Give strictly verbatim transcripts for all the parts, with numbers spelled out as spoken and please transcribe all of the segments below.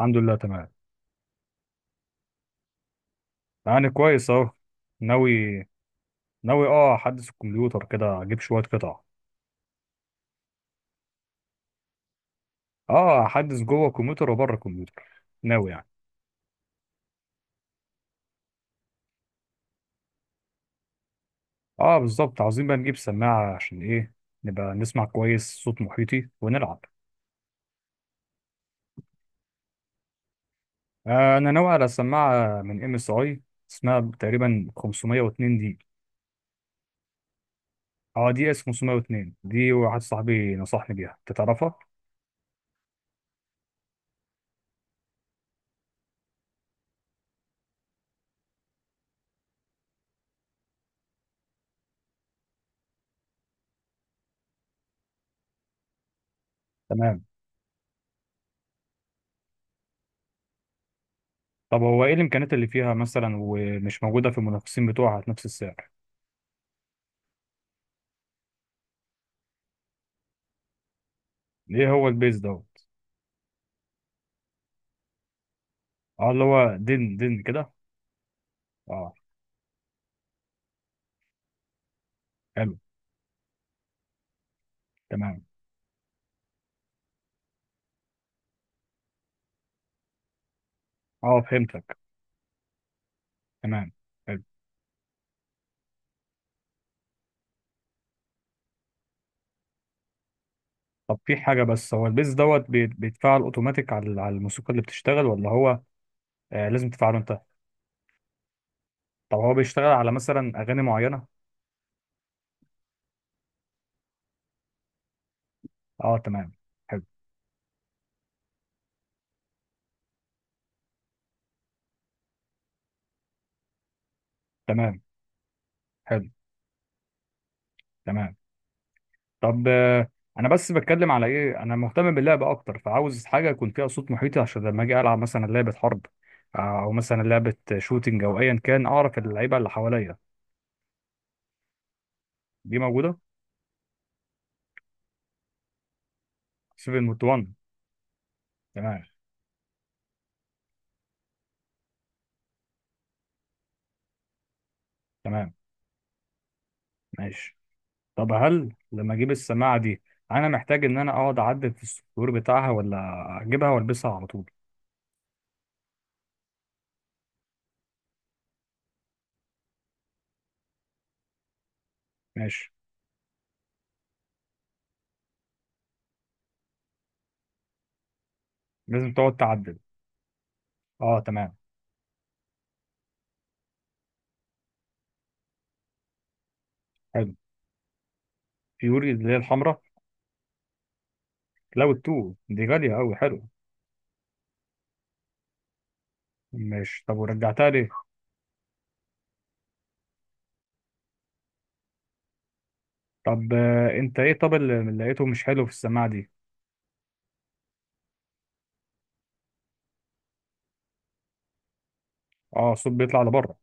الحمد لله تمام. يعني كويس اهو. ناوي. ناوي اه احدث الكمبيوتر كده اجيب شويه قطع. اه احدث جوه الكمبيوتر وبره الكمبيوتر. ناوي يعني. اه بالظبط، عاوزين بقى نجيب سماعه عشان ايه؟ نبقى نسمع كويس صوت محيطي ونلعب. آه انا ناوي على سماعه من ام اس اي. اسمها تقريبا خمسمائة واثنين دي. اه دي اس خمسمية واتنين، دي واحد صاحبي نصحني بيها، أنت تعرفها؟ تمام. طب هو ايه الامكانيات اللي فيها مثلا ومش موجوده في المنافسين بتوعها في نفس السعر؟ ايه هو البيز ده؟ اه اللي هو دين دين كده. اه. حلو. تمام. اه فهمتك. تمام. حلو. طب في حاجة، بس هو البيز دوت بي- بيتفعل اوتوماتيك على على الموسيقى اللي بتشتغل ولا هو؟ آه لازم تفعله انت. طب هو بيشتغل على مثلا اغاني معينة؟ اه تمام. حلو. تمام. حلو. تمام. طب آه انا بس بتكلم على ايه، انا مهتم باللعب اكتر فعاوز حاجة يكون فيها صوت محيطي عشان لما اجي العب مثلا لعبة حرب. آه، او مثلا لعبة شوتينج او ايا كان، اعرف اللعيبة اللي حواليا. دي موجودة. سبعة واحد. تمام. تمام ماشي. طب هل لما اجيب السماعه دي انا محتاج ان انا اقعد اعدل في السطور بتاعها ولا اجيبها والبسها على طول؟ ماشي. لازم تقعد تعدل. اه تمام. حلو. فيوري اللي هي الحمراء؟ لو التو دي غاليه قوي، حلو. ماشي. طب ورجعتها ليه؟ طب آه، انت ايه، طب اللي اللي لقيته مش حلو في السماعه دي؟ اه الصوت بيطلع لبره.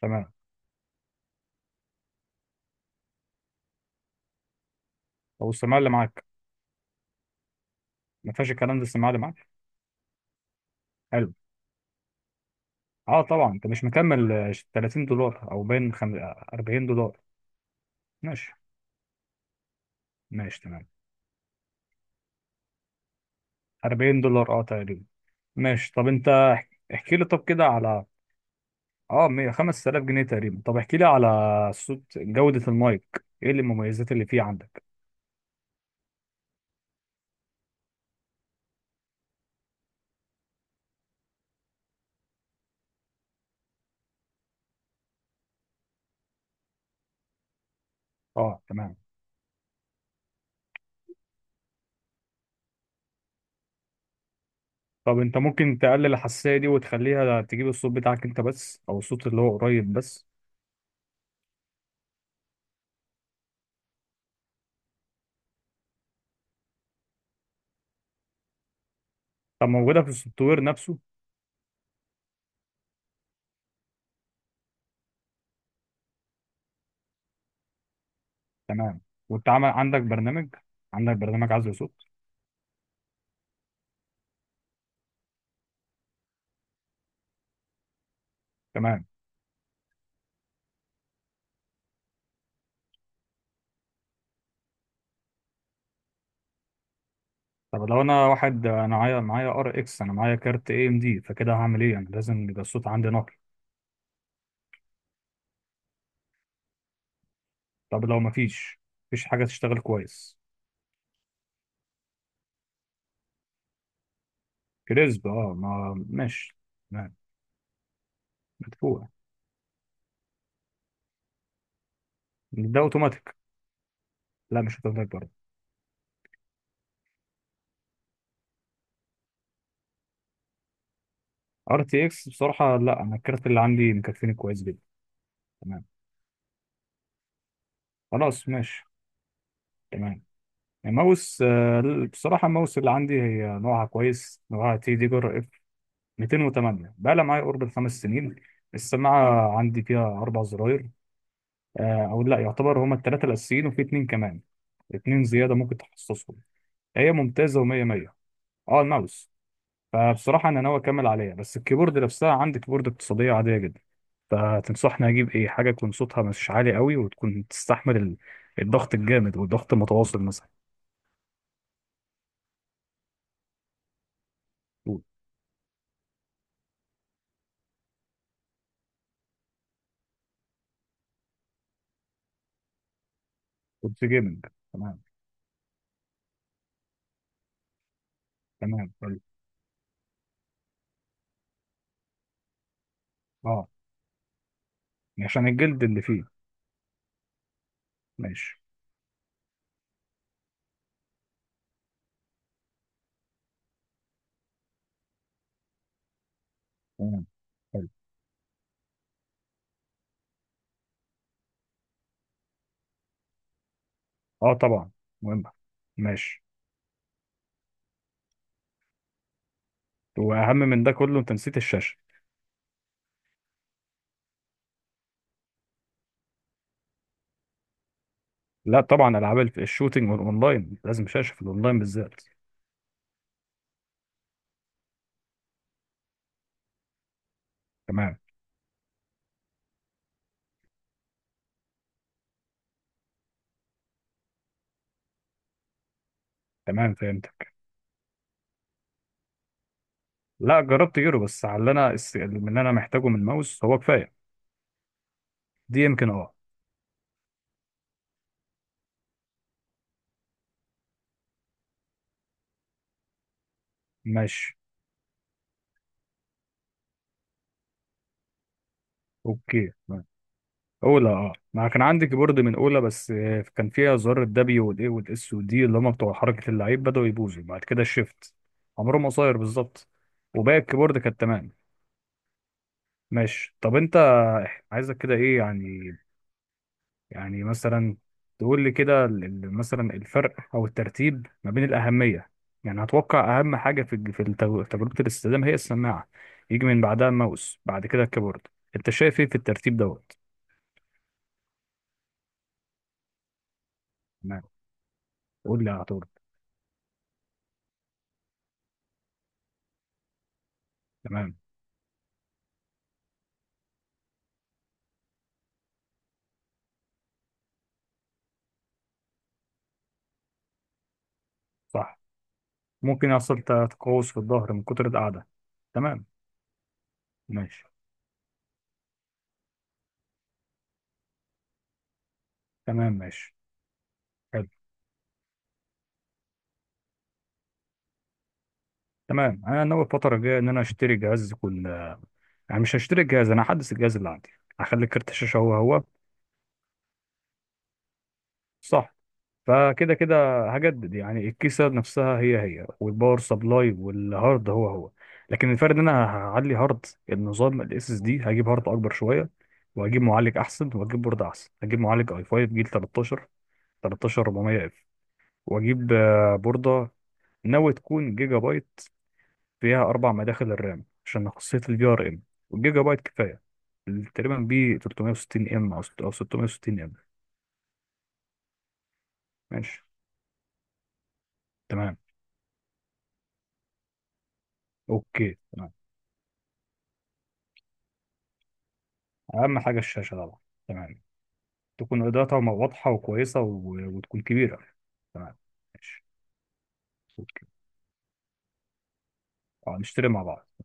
تمام. طب والسماعه اللي معاك ما فيهاش الكلام ده؟ السماعه اللي معاك. حلو. اه طبعا. انت مش مكمل آه، تلاتين دولار او بين خم- اربعين دولار. ماشي. ماشي تمام. اربعين دولار اه تقريبا. ماشي. طب انت احك- احكي لي، طب كده على اه مية- خمس آلاف جنيه تقريبا، طب احكي لي على صوت جودة المايك، ايه اللي- المميزات اللي فيه عندك؟ اه تمام. طب انت ممكن تقلل الحساسية دي وتخليها تجيب الصوت بتاعك انت بس او الصوت اللي هو قريب بس؟ طب موجودة في السوفت وير نفسه؟ تمام. وانت عامل عندك برنامج؟ عندك برنامج عزل صوت؟ تمام. طب لو انا واحد انا معايا معايا ار اكس، انا معايا كارت اي ام دي، فكده هعمل ايه؟ انا لازم يبقى الصوت عندي نقي. طب لو مفيش، مفيش حاجة تشتغل كويس؟ كريسب اه، ما ماشي. تمام. مدفوع. ده اوتوماتيك؟ لا مش اوتوماتيك برضه. ار تي اكس بصراحة لا، انا الكارت اللي عندي مكفيني كويس جدا. تمام. خلاص ماشي. تمام. الماوس آه، بصراحة الماوس اللي عندي هي نوعها كويس، نوعها تي دي جر اف ميتين وتمنية، بقى لها معايا قرب الخمس سنين. السماعة عندي فيها أربع زراير آه، أو لا يعتبر هما التلاتة الأساسيين وفي اتنين كمان. اتنين زيادة ممكن تخصصهم. هي ممتازة ومية مية. اه الماوس. فبصراحة أنا ناوي أكمل عليها، بس الكيبورد نفسها عندي كيبورد اقتصادية عادية جدا، فتنصحني أجيب إيه؟ حاجة يكون صوتها مش عالي قوي وتكون تستحمل ال- الضغط الجامد والضغط المتواصل مثلا. قول. كنت جيمنج. تمام. تمام. حلو. أه عشان الجلد اللي فيه. ماشي. تمام. حلو. أه طبعا مهمة. ماشي. وأهم من ده كله أنت نسيت الشاشة. لا طبعا، ألعاب الف- الشوتينج والأونلاين لازم شاشة، في الأونلاين بالذات. تمام. تمام فهمتك. لا جربت يورو بس، على اللي انا الس- اللي انا محتاجه من الماوس هو كفايه. دي يمكن اه. ماشي اوكي تمام. اولى اه ما كان عندي كيبورد من اولى، بس آه، كان فيها زرار الدبليو والاي والاس والدي اللي هم بتوع حركه اللعيب بداوا يبوظوا بعد كده الشيفت. عمرهم قصير بالظبط. وباقي الكيبورد كانت تمام. ماشي. طب انت عايزك كده ايه يعني؟ يعني مثلا تقول لي كده ال- ال- مثلا الفرق او الترتيب ما بين الاهميه. يعني هتوقع اهم حاجه في الج- في التج- تجربه الاستخدام هي السماعه، يجي من بعدها الماوس بعد كده الكيبورد. انت شايف ايه في الترتيب ده؟ تمام. قول لي هتقول. تمام. صح. ممكن يحصل تقوس في الظهر من كتر القعدة. تمام. ماشي. تمام. ماشي. حلو. تمام. انا ناوي الفترة الجاية ان انا اشتري جهاز كل، يعني مش هشتري الجهاز، انا هحدث الجهاز اللي عندي، هخلي كارت الشاشة هو هو. صح. فكده كده هجدد يعني الكيسة نفسها هي هي، والباور سبلاي والهارد هو هو، لكن الفرق ان انا هعلي هارد النظام الاس اس دي، هجيب هارد اكبر شوية، وهجيب معالج احسن، وهجيب بورد احسن، هجيب معالج اي خمسة جيل تلتاشر، تلتاشر اربعمية اف، واجيب آه، بوردة ناوي تكون جيجا بايت، فيها اربع مداخل الرام عشان خاصية الفي ار ام، والجيجا بايت كفاية تقريبا بي تلتمية وستين ام او ست- أو ستمائة وستين ام. ماشي تمام. اوكي تمام. اهم حاجة الشاشة طبعا. تمام. تكون اضاءتها واضحة وكويسة و... وتكون كبيرة. تمام ماشي اوكي. آه، نشتري مع بعض.